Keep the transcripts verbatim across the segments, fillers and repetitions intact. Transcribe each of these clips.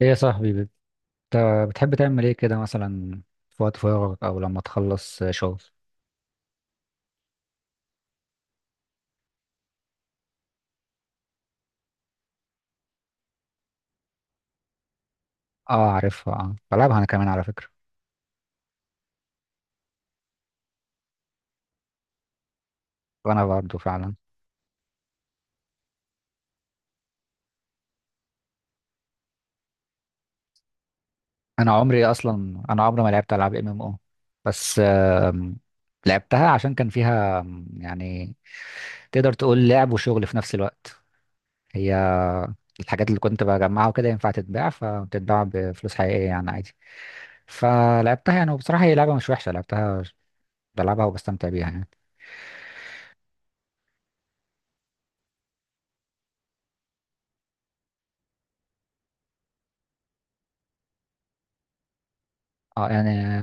ايه يا صاحبي، بت- بتحب تعمل ايه كده مثلا في وقت فراغك او لما تخلص شغل؟ اه، عارفها. اه، بلعبها انا كمان على فكرة. وانا برضه فعلا. انا عمري اصلا انا عمري ما لعبت العاب ام ام او. بس آم، لعبتها عشان كان فيها آم، يعني تقدر تقول لعب وشغل في نفس الوقت. هي الحاجات اللي كنت بجمعها وكده ينفع تتباع، فبتتباع بفلوس حقيقية يعني عادي. فلعبتها يعني، وبصراحة هي لعبة مش وحشة، لعبتها بلعبها وبستمتع بيها يعني. اه يعني.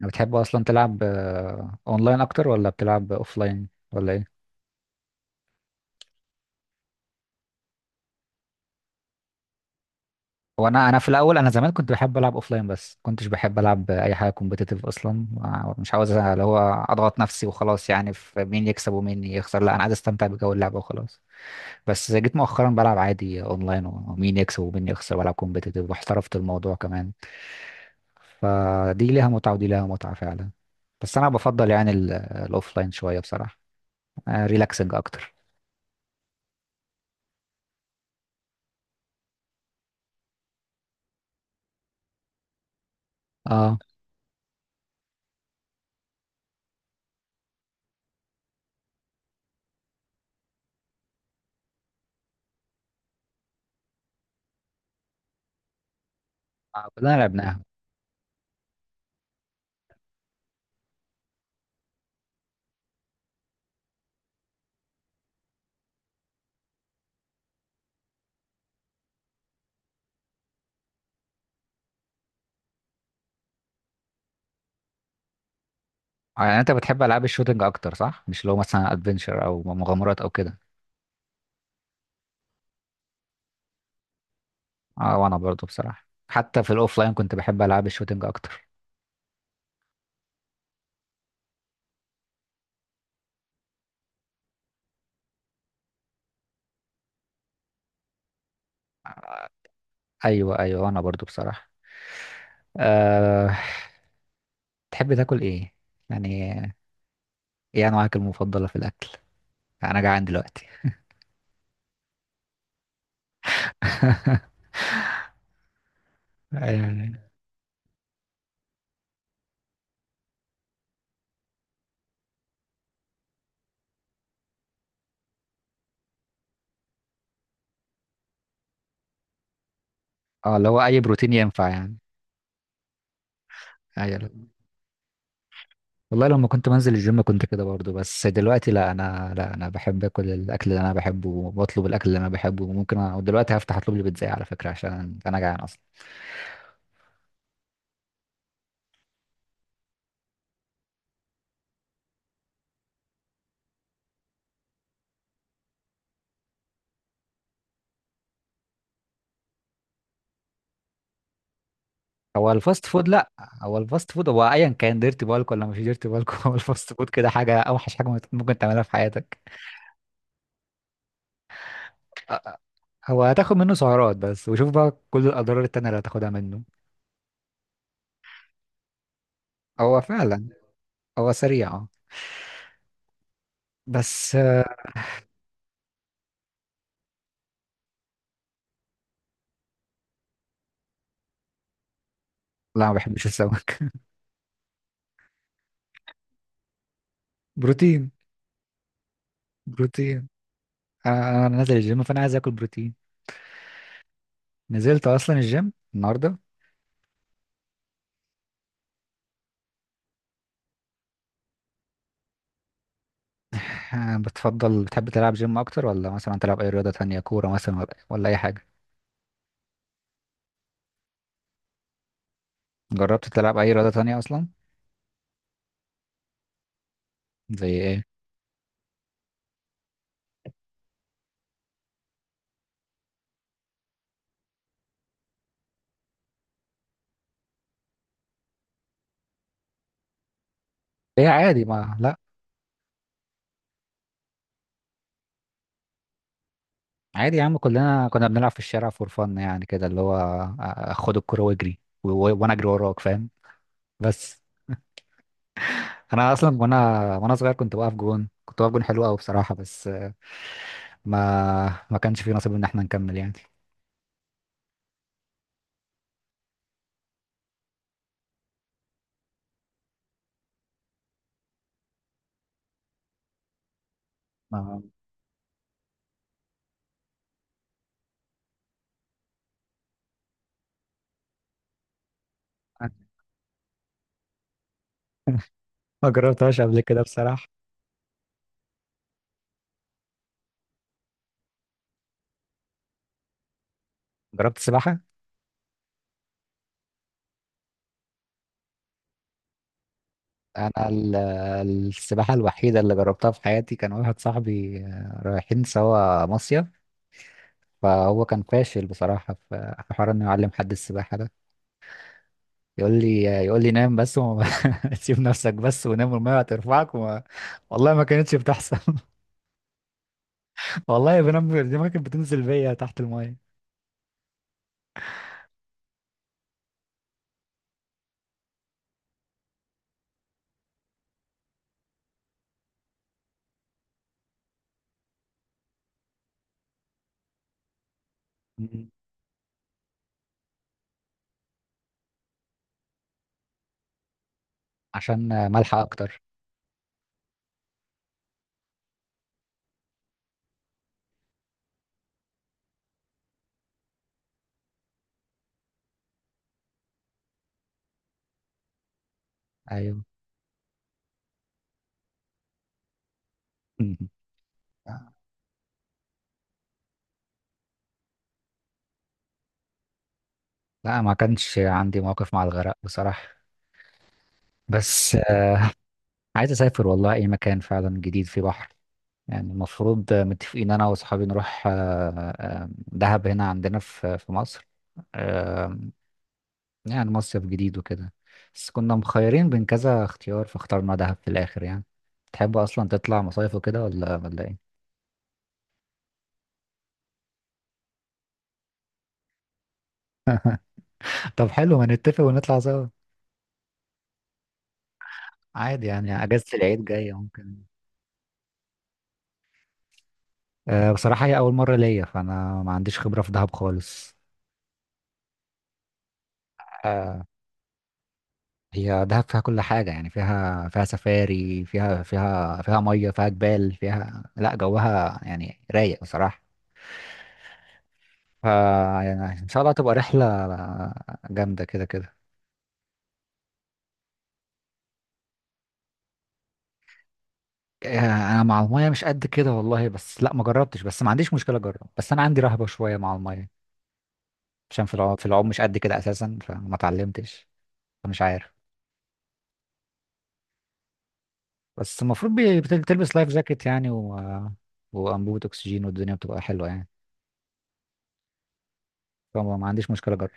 بتحب اصلا تلعب، آه، اونلاين اكتر ولا بتلعب اوفلاين ولا ايه؟ هو انا انا في الاول، انا زمان كنت بحب العب اوفلاين، بس كنتش بحب العب اي حاجه كومبيتيتيف اصلا. آه، مش عاوز اللي هو اضغط نفسي وخلاص يعني في مين يكسب ومين يخسر، لا انا عايز استمتع بجو اللعبه وخلاص. بس جيت مؤخرا بلعب عادي اونلاين ومين يكسب ومين يخسر، بلعب كومبيتيتيف واحترفت الموضوع كمان. فدي ليها متعه ودي ليها متعه فعلا. بس انا بفضل يعني الاوفلاين شويه بصراحه، ريلاكسنج اكتر. اه. آه، كلنا لعبناها. آه، يعني انت بتحب العاب الشوتينج اكتر صح؟ مش لو مثلا ادفنشر او مغامرات او كده. اه وانا برضو بصراحه، حتى في الاوفلاين كنت بحب العاب الشوتينج اكتر. آه، ايوه، ايوه، وانا برضو بصراحه. أه... تحب تاكل ايه يعني؟ ايه انواعك المفضله في الاكل؟ انا جعان دلوقتي يعني. اه اللي هو اي بروتين ينفع يعني. ايوه والله، لما كنت منزل الجيم كنت كده برضو، بس دلوقتي لا انا لا انا بحب اكل الاكل اللي انا بحبه وبطلب الاكل اللي انا بحبه. وممكن أ... ودلوقتي هفتح اطلب لي بيتزا على فكره عشان انا جعان اصلا. هو الفاست فود، لا. هو الفاست فود هو ايا كان ديرتي بالك ولا مش ديرتي بالك. هو الفاست فود كده حاجه، اوحش حاجه ممكن ممكن تعملها في حياتك. أ- أ- هو هتاخد منه سعرات بس، وشوف بقى كل الاضرار التانية اللي هتاخدها منه. هو فعلا. هو سريع. آه. بس آه، لا ما بحبش السمك. بروتين. بروتين. آه، انا نازل الجيم فانا عايز اكل بروتين. نزلت اصلا الجيم النهارده. آه، بتفضل بتحب تلعب جيم اكتر ولا مثلا تلعب اي رياضه تانية، كوره مثلا، ولا ولا اي حاجه؟ جربت تلعب اي رياضه تانية اصلا؟ زي ايه؟ هي عادي ما لا. عادي يا عم، كلنا كنا بنلعب في الشارع فور فن يعني، كده اللي هو آه، خد الكرة واجري، و- و- وانا اجري وراك فاهم. بس انا اصلا، وانا وانا صغير كنت بقف جون كنت بقف جون حلو قوي بصراحة، بس آه، ما ما كانش في نصيب ان احنا نكمل يعني. ما ما جربتهاش قبل كده بصراحة. جربت سباحة. انا ال- السباحة الوحيدة اللي جربتها في حياتي، كان واحد صاحبي آه، رايحين سوا مصيف، فهو كان فاشل بصراحة في في حوار انه يعلم حد السباحة ده. يقول لي يقول لي نام بس، وما سيب نفسك بس ونام والميه هترفعك وما... والله ما كانتش بتحصل. والله بنام دماغي كانت بتنزل بيا تحت الميه. مم. عشان ملحق اكتر. ايوه. مم. لا ما كانش عندي مواقف مع الغرق بصراحه. بس آه، عايز اسافر والله اي مكان فعلا جديد فيه بحر يعني. المفروض آه، متفقين انا واصحابي نروح آه، آه، دهب هنا عندنا في في مصر. آه، يعني مصيف جديد وكده، بس كنا مخيرين بين كذا اختيار فاخترنا دهب في الاخر يعني. تحب اصلا تطلع مصايف وكده ولا ولا ايه؟ طب حلو، ما نتفق ونطلع سوا. عادي يعني، اجازة العيد جاية ممكن. أه بصراحة هي اول مرة ليا، فانا ما عنديش خبرة في دهب خالص. أه، هي دهب فيها كل حاجة يعني، فيها فيها سفاري، فيها فيها فيها مية، فيها جبال، فيها لا جوها يعني رايق بصراحة. ف يعني ان شاء الله تبقى رحلة جامدة كده كده. آه، انا مع الميه مش قد كده والله، بس لا ما جربتش، بس ما عنديش مشكله اجرب، بس انا عندي رهبه شويه مع الميه. عشان في العوم في العوم مش قد كده اساسا، فما اتعلمتش. فمش عارف. بس المفروض بي- بت- بتلبس لايف جاكيت يعني و... وانبوبه اكسجين والدنيا بتبقى حلوه يعني. فما ما عنديش مشكله اجرب.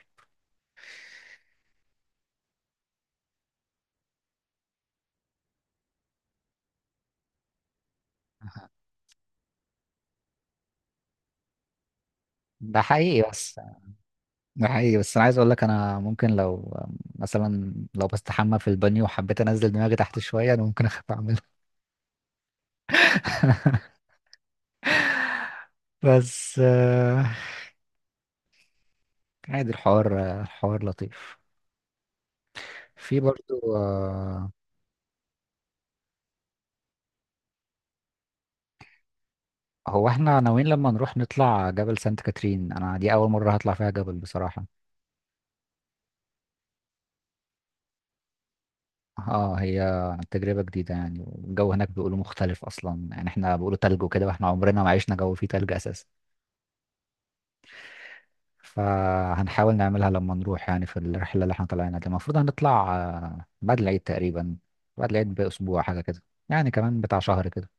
ده حقيقي. بس ده حقيقي بس انا عايز اقول لك انا ممكن لو مثلا لو بستحمى في البانيو وحبيت انزل دماغي تحت شويه، انا ممكن اخاف اعملها. بس آه، عادي، الحوار الحوار لطيف. في برضو آه، هو احنا ناويين لما نروح نطلع جبل سانت كاترين. انا دي اول مرة هطلع فيها جبل بصراحة. اه، هي تجربة جديدة يعني، الجو هناك بيقولوا مختلف اصلا يعني، احنا بيقولوا تلج وكده، واحنا عمرنا ما عشنا جو فيه تلج اساسا. فهنحاول نعملها لما نروح يعني في الرحلة اللي احنا طالعينها دي، المفروض هنطلع آه، بعد العيد تقريبا، بعد العيد بأسبوع حاجة كده، يعني كمان بتاع شهر كده.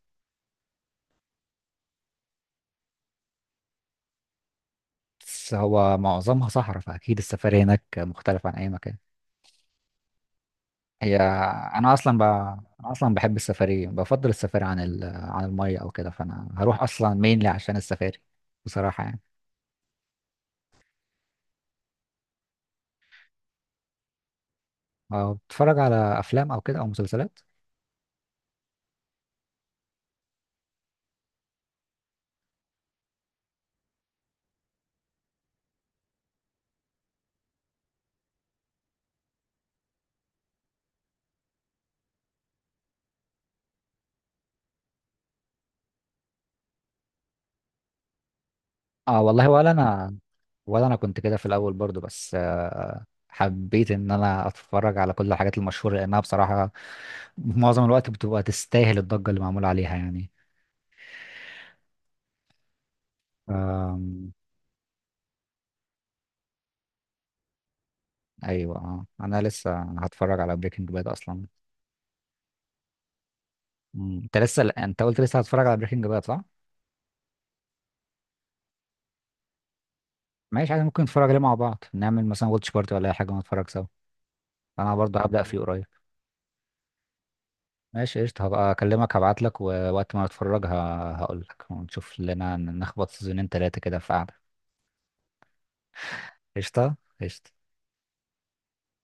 بس هو معظمها صحراء فأكيد السفاري هناك مختلف عن أي مكان. هي انا اصلا ب... انا اصلا بحب السفاري، بفضل السفاري عن ال... عن الميه او كده، فانا هروح اصلا مينلي عشان السفاري بصراحه يعني. أه، بتتفرج على افلام او كده او مسلسلات؟ اه والله، ولا انا ولا انا كنت كده في الاول برضو، بس آه، حبيت ان انا اتفرج على كل الحاجات المشهوره، لانها بصراحه معظم الوقت بتبقى تستاهل الضجه اللي معمول عليها يعني. آم، ايوه، اه، انا لسه هتفرج على بريكنج باد اصلا. مم، انت لسه انت قلت لسه هتتفرج على بريكنج باد صح؟ ماشي عادي، ممكن نتفرج عليه مع بعض، نعمل مثلا واتش بارتي ولا اي حاجه ونتفرج سوا. انا برضه هبدأ فيه قريب. ماشي قشطة، هبقى اكلمك هبعت لك ووقت ما نتفرج هقول لك ونشوف لنا نخبط سيزونين تلاتة كده في قعدة. قشطة. قشطة.